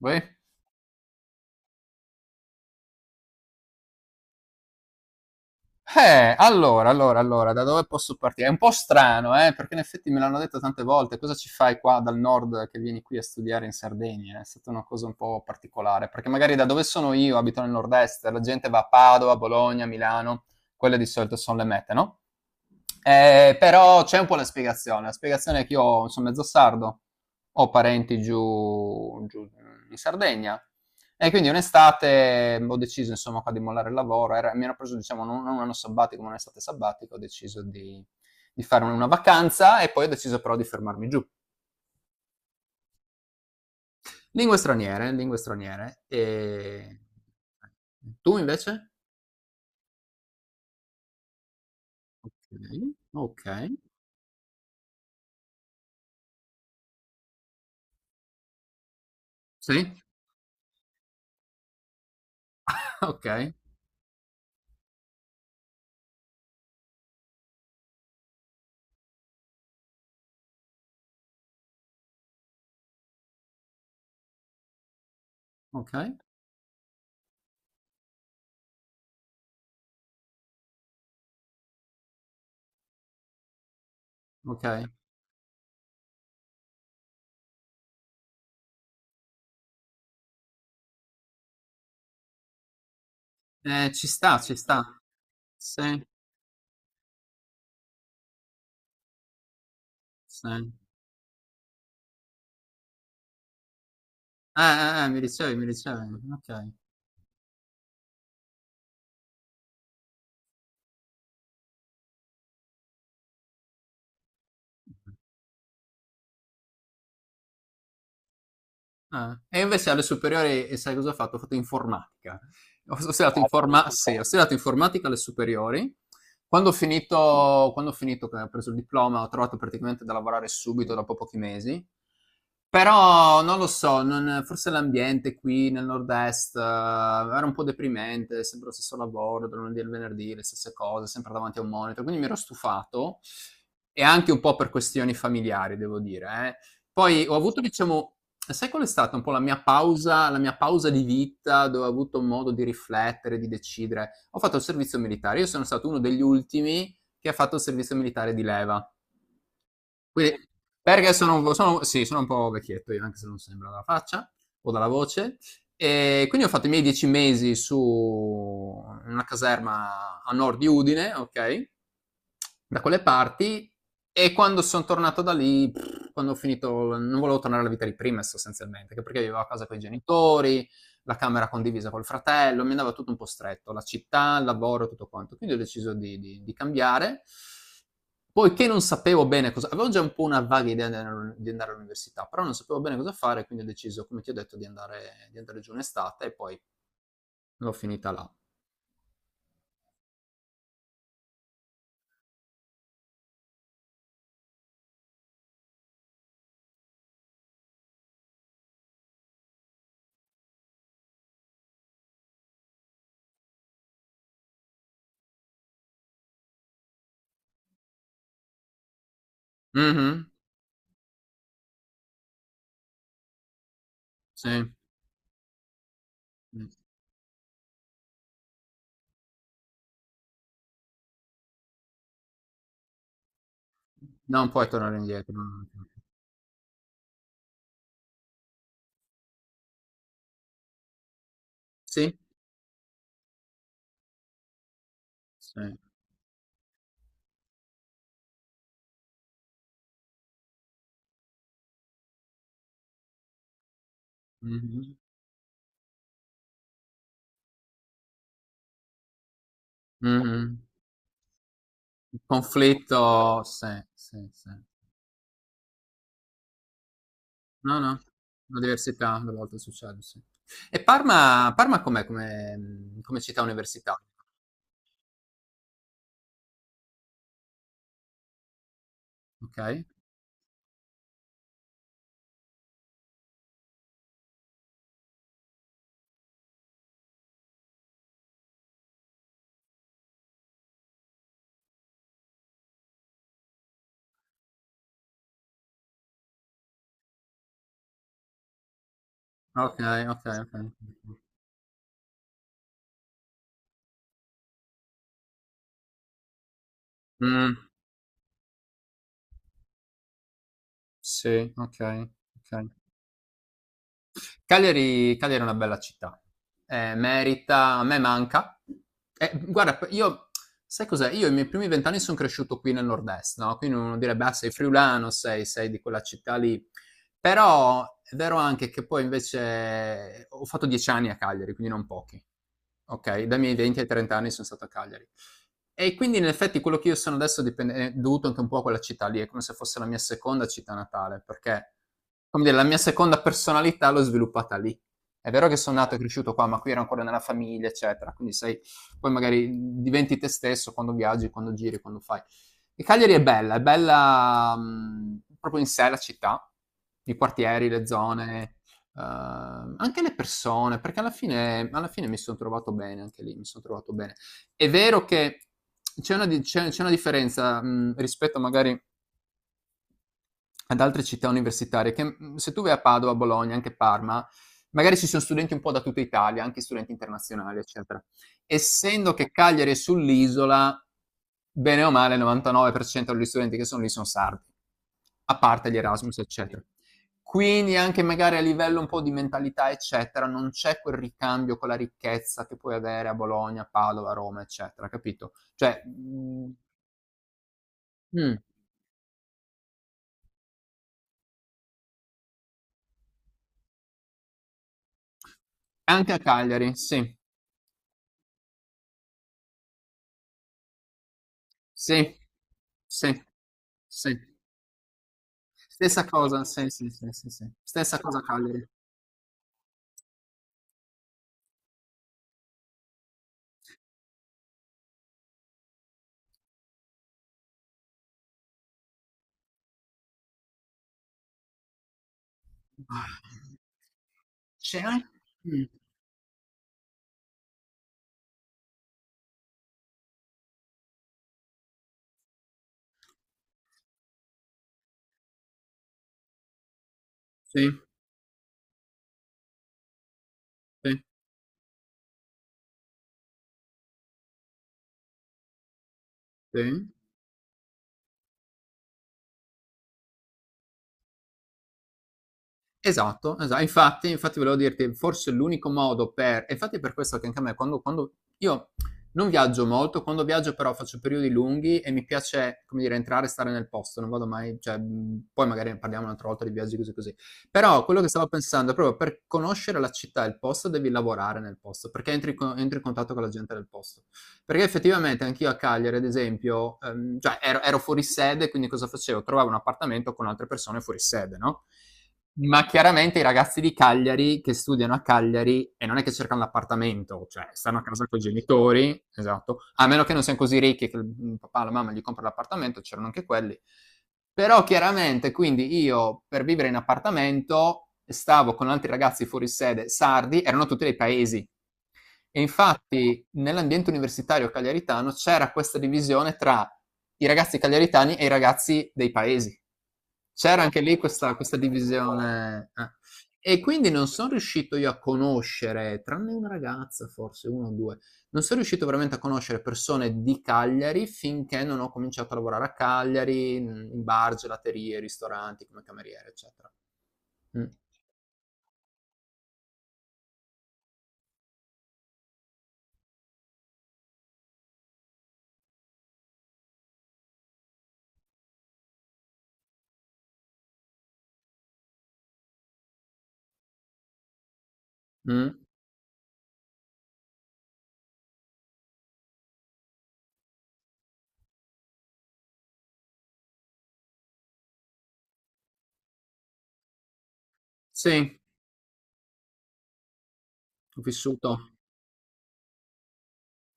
Voi? Allora, da dove posso partire? È un po' strano, perché in effetti me l'hanno detto tante volte, cosa ci fai qua dal nord che vieni qui a studiare in Sardegna? È stata una cosa un po' particolare, perché magari da dove sono io, abito nel nord-est, la gente va a Padova, Bologna, Milano, quelle di solito sono le mete, no? Però c'è un po' la spiegazione è che io sono mezzo sardo, ho parenti giù, giù in Sardegna. E quindi un'estate ho deciso insomma qua di mollare il lavoro, mi ero preso diciamo non un anno sabbatico, ma un'estate sabbatica, ho deciso di, fare una vacanza e poi ho deciso però di fermarmi giù. Lingue straniere, lingue straniere. E... Tu invece? Ok, ok. Sì, ok, ok, ok. Ci sta, ci sta. Sì, sì. Mi ricevi. Ok. Ah, e invece alle superiori, e sai cosa ho fatto? Ho fatto informatica. Ho studiato. Ah, sì, ho super. Studiato informatica alle superiori. Quando ho finito, che ho preso il diploma, ho trovato praticamente da lavorare subito, dopo pochi mesi. Però non lo so, forse l'ambiente qui nel nord-est era un po' deprimente, sempre lo stesso lavoro, dal lunedì al venerdì, le stesse cose, sempre davanti a un monitor, quindi mi ero stufato e anche un po' per questioni familiari, devo dire, eh. Poi ho avuto, diciamo, sai qual è stata un po' la mia pausa di vita dove ho avuto modo di riflettere, di decidere? Ho fatto il servizio militare. Io sono stato uno degli ultimi che ha fatto il servizio militare di leva. Quindi, perché sono, sì, sono un po' vecchietto io, anche se non sembra dalla faccia o dalla voce. E quindi ho fatto i miei 10 mesi su una caserma a nord di Udine, ok? Da quelle parti. E quando sono tornato da lì, quando ho finito, non volevo tornare alla vita di prima sostanzialmente, anche perché vivevo a casa con i genitori, la camera condivisa col fratello, mi andava tutto un po' stretto, la città, il lavoro, tutto quanto. Quindi ho deciso di, cambiare. Poiché non sapevo bene cosa, avevo già un po' una vaga idea di andare all'università, però non sapevo bene cosa fare, quindi ho deciso, come ti ho detto, di andare giù in estate e poi l'ho finita là. Mhm, sì. Mm. Non puoi tornare indietro. No, no, no. Sì? Sì. Mh-mh. Mh-mh. Il conflitto, sì, sì, sì. No, no, l'università alle volte succede, sì. E Parma com'è come come città universitaria? Okay. Okay, okay, okay. Mh, sì, okay, okay. Cagliari è una bella città. Merita, a me manca. Guarda, sai cos'è? Io i miei primi vent'anni sono cresciuto qui nel nord-est, no? Quindi uno direbbe, ah, sei friulano, sei di quella città lì. Però è vero anche che poi invece ho fatto 10 anni a Cagliari, quindi non pochi. Ok, dai miei 20 ai 30 anni sono stato a Cagliari. E quindi in effetti quello che io sono adesso è dovuto anche un po' a quella città lì, è come se fosse la mia seconda città natale, perché come dire, la mia seconda personalità l'ho sviluppata lì. È vero che sono nato e cresciuto qua, ma qui ero ancora nella famiglia, eccetera. Quindi sai, poi magari diventi te stesso quando viaggi, quando giri, quando fai. E Cagliari è bella proprio in sé la città, i quartieri, le zone, anche le persone, perché alla fine mi sono trovato bene anche lì, mi sono trovato bene. È vero che c'è una, c'è una differenza rispetto magari ad altre città universitarie, che se tu vai a Padova, Bologna, anche Parma, magari ci sono studenti un po' da tutta Italia, anche studenti internazionali, eccetera. Essendo che Cagliari è sull'isola, bene o male il 99% degli studenti che sono lì sono sardi, a parte gli Erasmus, eccetera. Quindi anche magari a livello un po' di mentalità, eccetera, non c'è quel ricambio con la ricchezza che puoi avere a Bologna, Padova, Roma, eccetera, capito? Cioè, anche a Cagliari, sì. Sì, sì, sì. Stessa cosa, sì, sì, sì, sì, sì. Stessa cosa a Cagliari. Ah, c'è anche, mh, sì, sì, sì. Esatto, esa infatti volevo dirti, forse l'unico modo per e infatti è per questo che anche a me quando io non viaggio molto, quando viaggio però faccio periodi lunghi e mi piace, come dire, entrare e stare nel posto, non vado mai cioè, poi magari ne parliamo un'altra volta di viaggi così, così. Però quello che stavo pensando è proprio per conoscere la città e il posto devi lavorare nel posto, perché entri in contatto con la gente del posto. Perché effettivamente anch'io a Cagliari, ad esempio, cioè ero fuori sede, quindi cosa facevo? Trovavo un appartamento con altre persone fuori sede, no? Ma chiaramente i ragazzi di Cagliari che studiano a Cagliari e non è che cercano l'appartamento, cioè stanno a casa con i genitori, esatto, a meno che non siano così ricchi che il papà o la mamma gli compra l'appartamento, c'erano anche quelli. Però chiaramente, quindi io per vivere in appartamento stavo con altri ragazzi fuori sede sardi, erano tutti dei paesi, e infatti nell'ambiente universitario cagliaritano c'era questa divisione tra i ragazzi cagliaritani e i ragazzi dei paesi. C'era anche lì questa, divisione. Eh. E quindi non sono riuscito io a conoscere, tranne una ragazza, forse uno o due, non sono riuscito veramente a conoscere persone di Cagliari finché non ho cominciato a lavorare a Cagliari, in bar, gelaterie, ristoranti, come cameriere, eccetera. Mm. Mm. Sì, ho vissuto.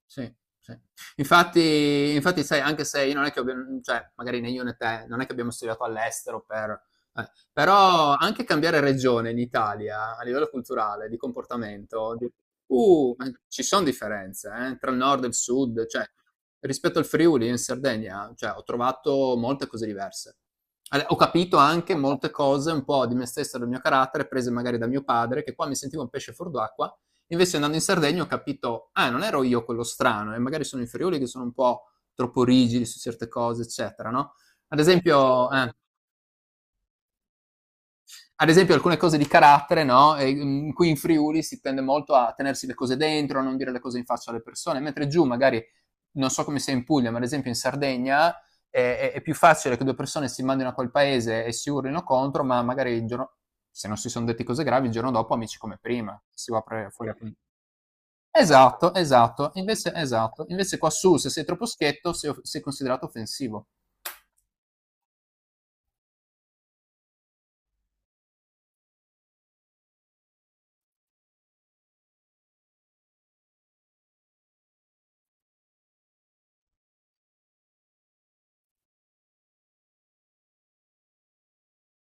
Sì, sì. Infatti sai, anche se io non è che abbia, cioè magari né io né te, non è che abbiamo studiato all'estero, però anche cambiare regione in Italia, a livello culturale, di comportamento, di ma ci son differenze, tra il nord e il sud, cioè rispetto al Friuli in Sardegna, cioè ho trovato molte cose diverse. Ale ho capito anche molte cose un po' di me stesso e del mio carattere prese magari da mio padre, che qua mi sentivo un pesce fuor d'acqua. Invece andando in Sardegna ho capito, ah, non ero io quello strano, e magari sono i friuli che sono un po' troppo rigidi su certe cose, eccetera, no? Ad esempio, eh, ad esempio alcune cose di carattere, no? Qui in Friuli si tende molto a tenersi le cose dentro, a non dire le cose in faccia alle persone, mentre giù magari, non so come sia in Puglia, ma ad esempio in Sardegna è più facile che due persone si mandino a quel paese e si urlino contro, ma magari il giorno, se non si sono detti cose gravi, il giorno dopo amici come prima, si va a fuori a. Esatto, esatto. Invece esatto. Invece qua su, se sei troppo schietto, sei considerato offensivo.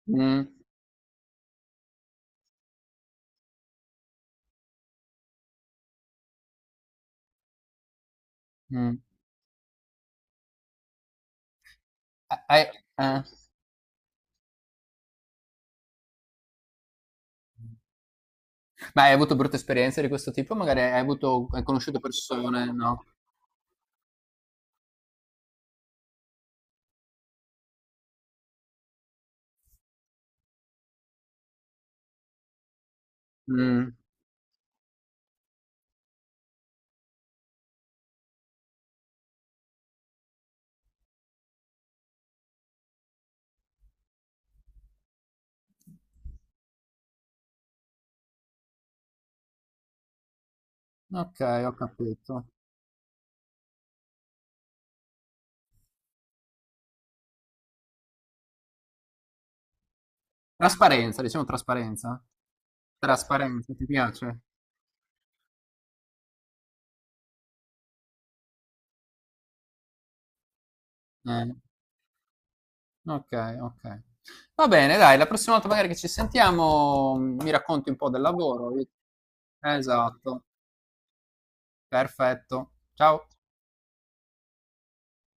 Mm, mm. Ah, eh. Ma hai avuto brutte esperienze di questo tipo? Magari hai avuto, hai conosciuto persone, no? Mm. Ok, ho capito. Trasparenza, diciamo trasparenza. Trasparenza, ti piace? Eh, Ok, ok. Va bene, dai, la prossima volta magari che ci sentiamo, mi racconti un po' del lavoro. Esatto, perfetto. Ciao.